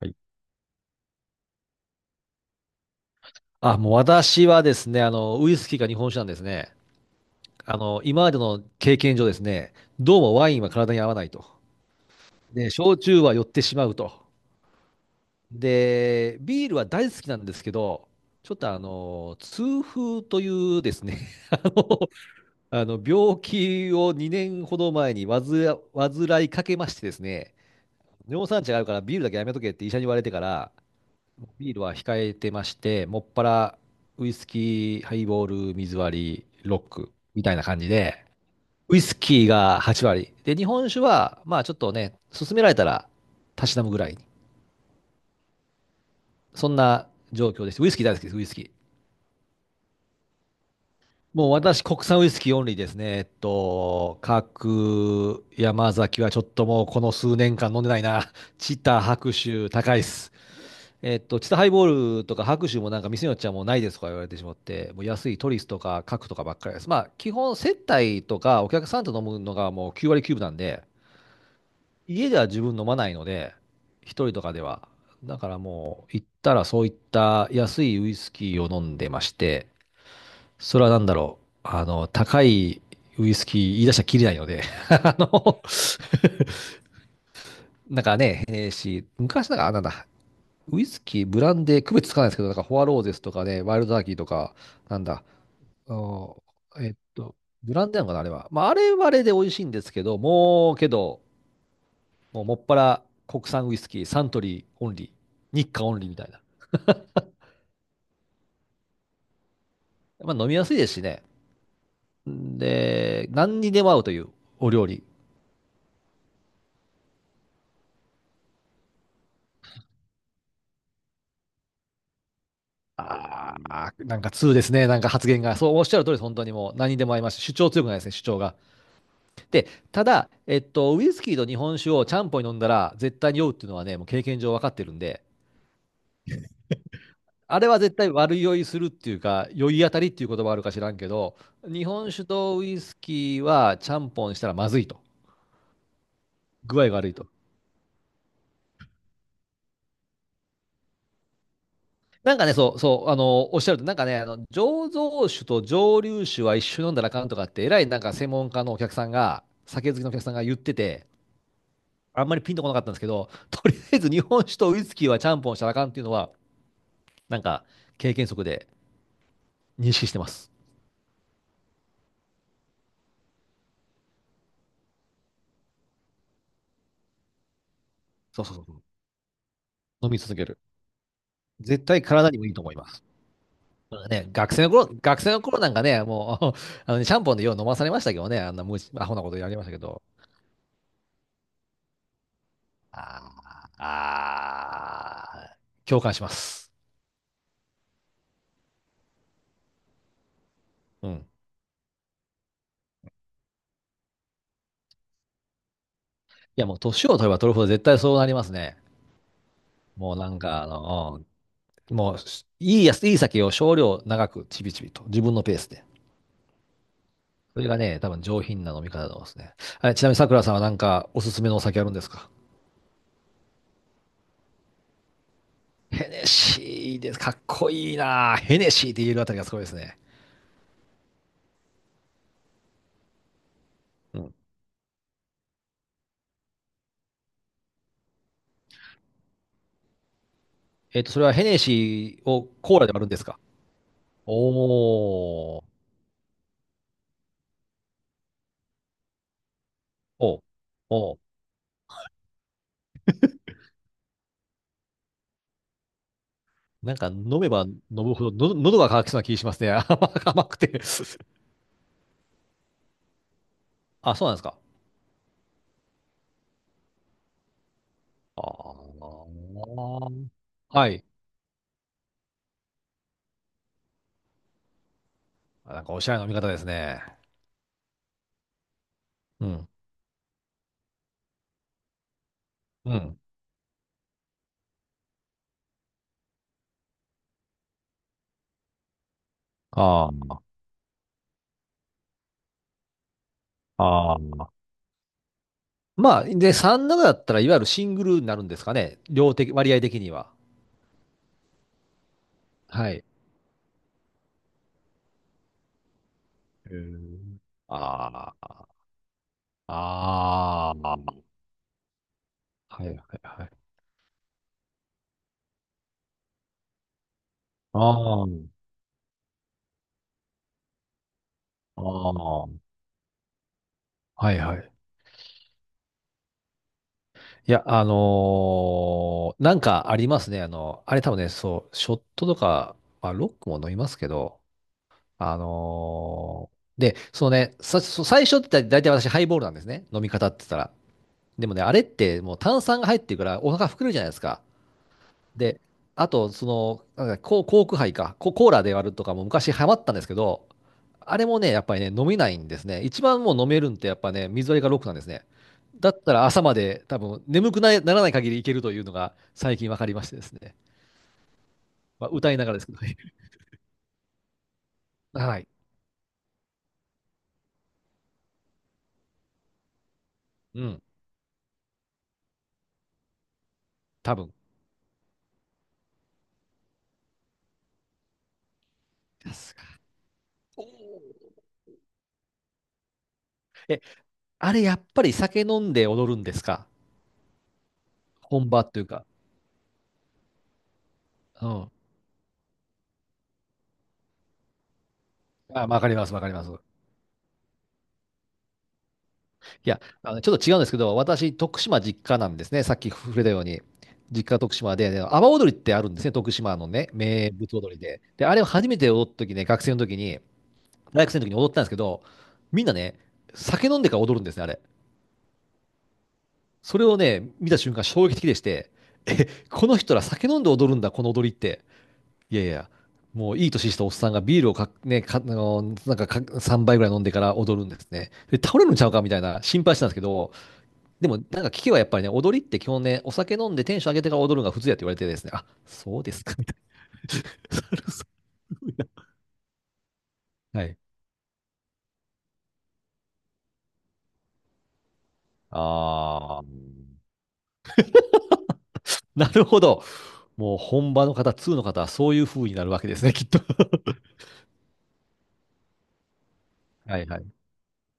はい。あ、もう私はですね、ウイスキーか日本酒なんですね。今までの経験上ですね、どうもワインは体に合わないと。で、焼酎は酔ってしまうと。で、ビールは大好きなんですけど、ちょっと痛風というですね、あの病気を2年ほど前に患わず、患いかけましてですね、尿酸値があるからビールだけやめとけって医者に言われてから、ビールは控えてまして、もっぱらウイスキー、ハイボール、水割り、ロックみたいな感じで、ウイスキーが8割。で、日本酒は、まあちょっとね、勧められたら、たしなむぐらいに。そんな状況です。ウイスキー大好きです、ウイスキー。もう私、国産ウイスキーオンリーですね。各山崎はちょっともうこの数年間飲んでないな。チタ、白州、高いっす。チタハイボールとか白州もなんか店によっちゃもうないですとか言われてしまって、もう安いトリスとかカクとかばっかりです。まあ、基本接待とかお客さんと飲むのがもう9割9分なんで、家では自分飲まないので、一人とかでは。だからもう行ったらそういった安いウイスキーを飲んでまして、それは何だろう。高いウイスキー言い出したらきりないので、あの、なんかね、えーし、昔なんか、あなんだ、ウイスキー、ブランデー、区別つかないですけど、なんか、フォアローゼスとかね、ワイルドターキーとか、なんだ、あのえっと、ブランデーなのかな、あれは。まあ、あれはあれで美味しいんですけど、もう、もっぱら国産ウイスキー、サントリーオンリー、日課オンリーみたいな。まあ、飲みやすいですしね。で、何にでも合うというお料理。ああ、なんか通ですね。なんか発言が。そうおっしゃる通りです。本当にもう何にでも合いますし、主張強くないですね、主張が。で、ただ、ウイスキーと日本酒をちゃんぽんに飲んだら絶対に酔うっていうのはね、もう経験上分かってるんで、あれは絶対悪酔いするっていうか、酔い当たりっていう言葉あるか知らんけど、日本酒とウイスキーはちゃんぽんしたらまずいと。具合が悪いと。なんかね、そう、そう、おっしゃると、なんかね、醸造酒と蒸留酒は一緒に飲んだらあかんとかって、えらいなんか専門家のお客さんが、酒好きのお客さんが言ってて、あんまりピンとこなかったんですけど、とりあえず日本酒とウイスキーはちゃんぽんしたらあかんっていうのは、なんか経験則で、認識してます。そうそうそう。飲み続ける。絶対体にもいいと思います。ね、学生の頃なんかね、もう、シャンポンでよう飲まされましたけどね、あんな無知、アホなことやりましたけど。あーあー、共感します。うん。いや、もう年を取れば取るほど絶対そうなりますね。もうなんか、うんもう、いいやつ、いい酒を少量長くちびちびと、自分のペースで。それがね、多分上品な飲み方だと思いますね。あれちなみに桜さんはなんかおすすめのお酒あるんですか？ヘネシーです。かっこいいな。ヘネシーって言えるあたりがすごいですね。うん。それはヘネシーをコーラで割るんですか？おー、お、お、なんか飲めば飲むほど、の喉が渇きそうな気がしますね。甘くて。あ、そうなんですか。あー、はい。なんかおしゃれな飲み方ですね。うん、うん。あーあー。まあ、で、さんな7だったら、いわゆるシングルになるんですかね。量的、割合的には。はい。えー、ああ、ああ、はいはいはい。ああ、ああ、はいはい。いや、なんかありますね。あれ多分ね、そう、ショットとか、まあ、ロックも飲みますけど、で、そう最初って大体私ハイボールなんですね。飲み方って言ったら。でもね、あれってもう炭酸が入ってるからお腹膨れるじゃないですか。で、あと、なんかココーク杯か、ココーラで割るとかも昔ハマったんですけど、あれもね、やっぱりね、飲めないんですね。一番もう飲めるんってやっぱね、水割りがロックなんですね。だったら朝まで多分眠くないならない限りいけるというのが最近分かりましてですね。まあ、歌いながらですけどね。はい。うん、多分。ですか？おー。え、あれやっぱり酒飲んで踊るんですか？本場っていうか。うん。あ、わかります、わかります。いや、ちょっと違うんですけど、私、徳島実家なんですね。さっき触れたように。実家徳島で、阿波踊りってあるんですね。徳島のね、名物踊りで。で、あれを初めて踊った時ね、学生の時に、大学生の時に踊ったんですけど、みんなね、酒飲んでから踊るんですね、あれ。それをね、見た瞬間衝撃的でして、え、この人ら酒飲んで踊るんだ、この踊りって。いやいや、もういい年したおっさんがビールをか、ね、か、あの、なんかか3杯ぐらい飲んでから踊るんですね。で、倒れるんちゃうかみたいな心配したんですけど、でも、なんか聞けばやっぱりね、踊りって基本ね、お酒飲んでテンション上げてから踊るのが普通やって言われてですね、あ、そうですか、みたいな。それすごいな。はい。あー。なるほど。もう本場の方、2の方はそういう風になるわけですね、きっと。はいはい。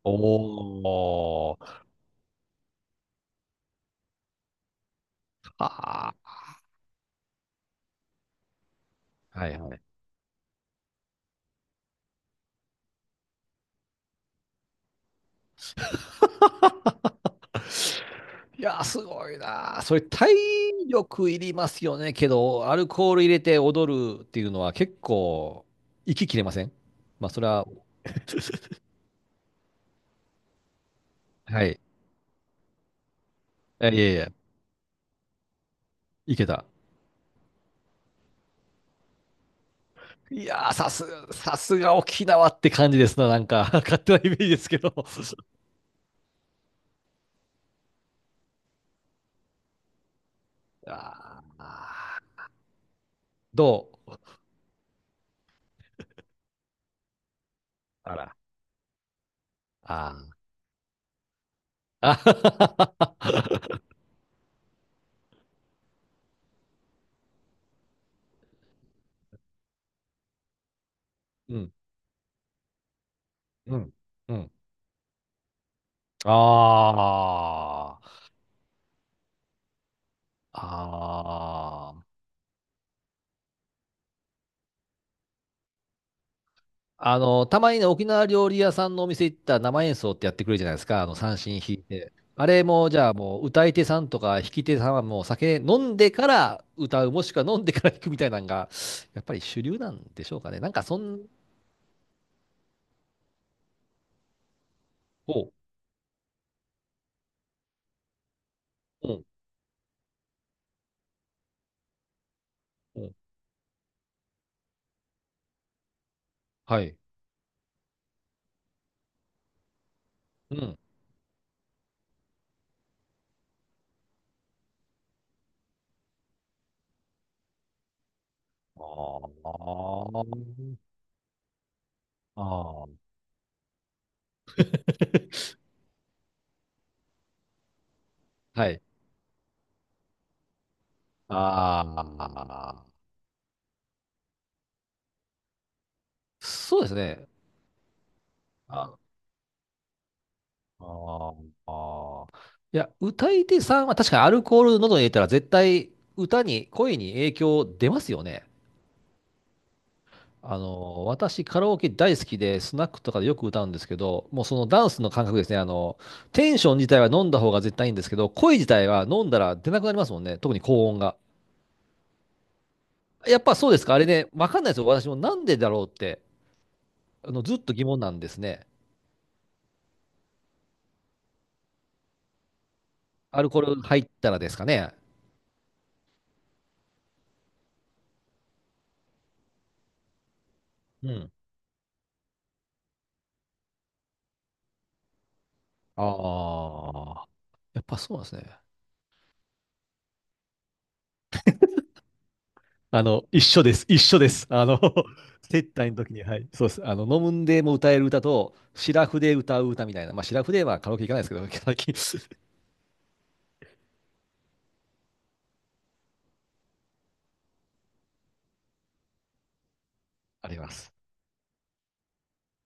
おー。あー。はいはい。いやー、すごいなー。それ体力いりますよね。けど、アルコール入れて踊るっていうのは結構、息切れません？まあ、それは、はい。いやいやいや、いけた。いやー、さすが沖縄って感じですな、なんか、勝手なイメージですけど。あー。どう。あら、あー。あははは、うん、うん、うん。あーあー。たまにね、沖縄料理屋さんのお店行ったら生演奏ってやってくれるじゃないですか、三線弾いて。あれも、じゃあもう、歌い手さんとか弾き手さんはもう酒飲んでから歌う、もしくは飲んでから弾くみたいなのが、やっぱり主流なんでしょうかね。なんかそん。おう、うん、うん、はい、うん。あーあー、はい。ああ、そうですね。あ、あー、あー。いや、歌い手さんは確かにアルコール喉に入れたら絶対歌に、声に影響出ますよね。私カラオケ大好きで、スナックとかでよく歌うんですけど、もうそのダンスの感覚ですね。テンション自体は飲んだ方が絶対いいんですけど、声自体は飲んだら出なくなりますもんね。特に高音が。やっぱそうですか、あれね、わかんないですよ、私もなんでだろうって、あのずっと疑問なんですね。アルコール入ったらですかね。うん。ああ、やっぱそうなんですね。あの、一緒です。一緒です。あの、接待の時に、はい、そうです。あの、飲むんでも歌える歌と、シラフで歌う歌みたいな、まあ、シラフではカラオケ行かないですけど、最近あります。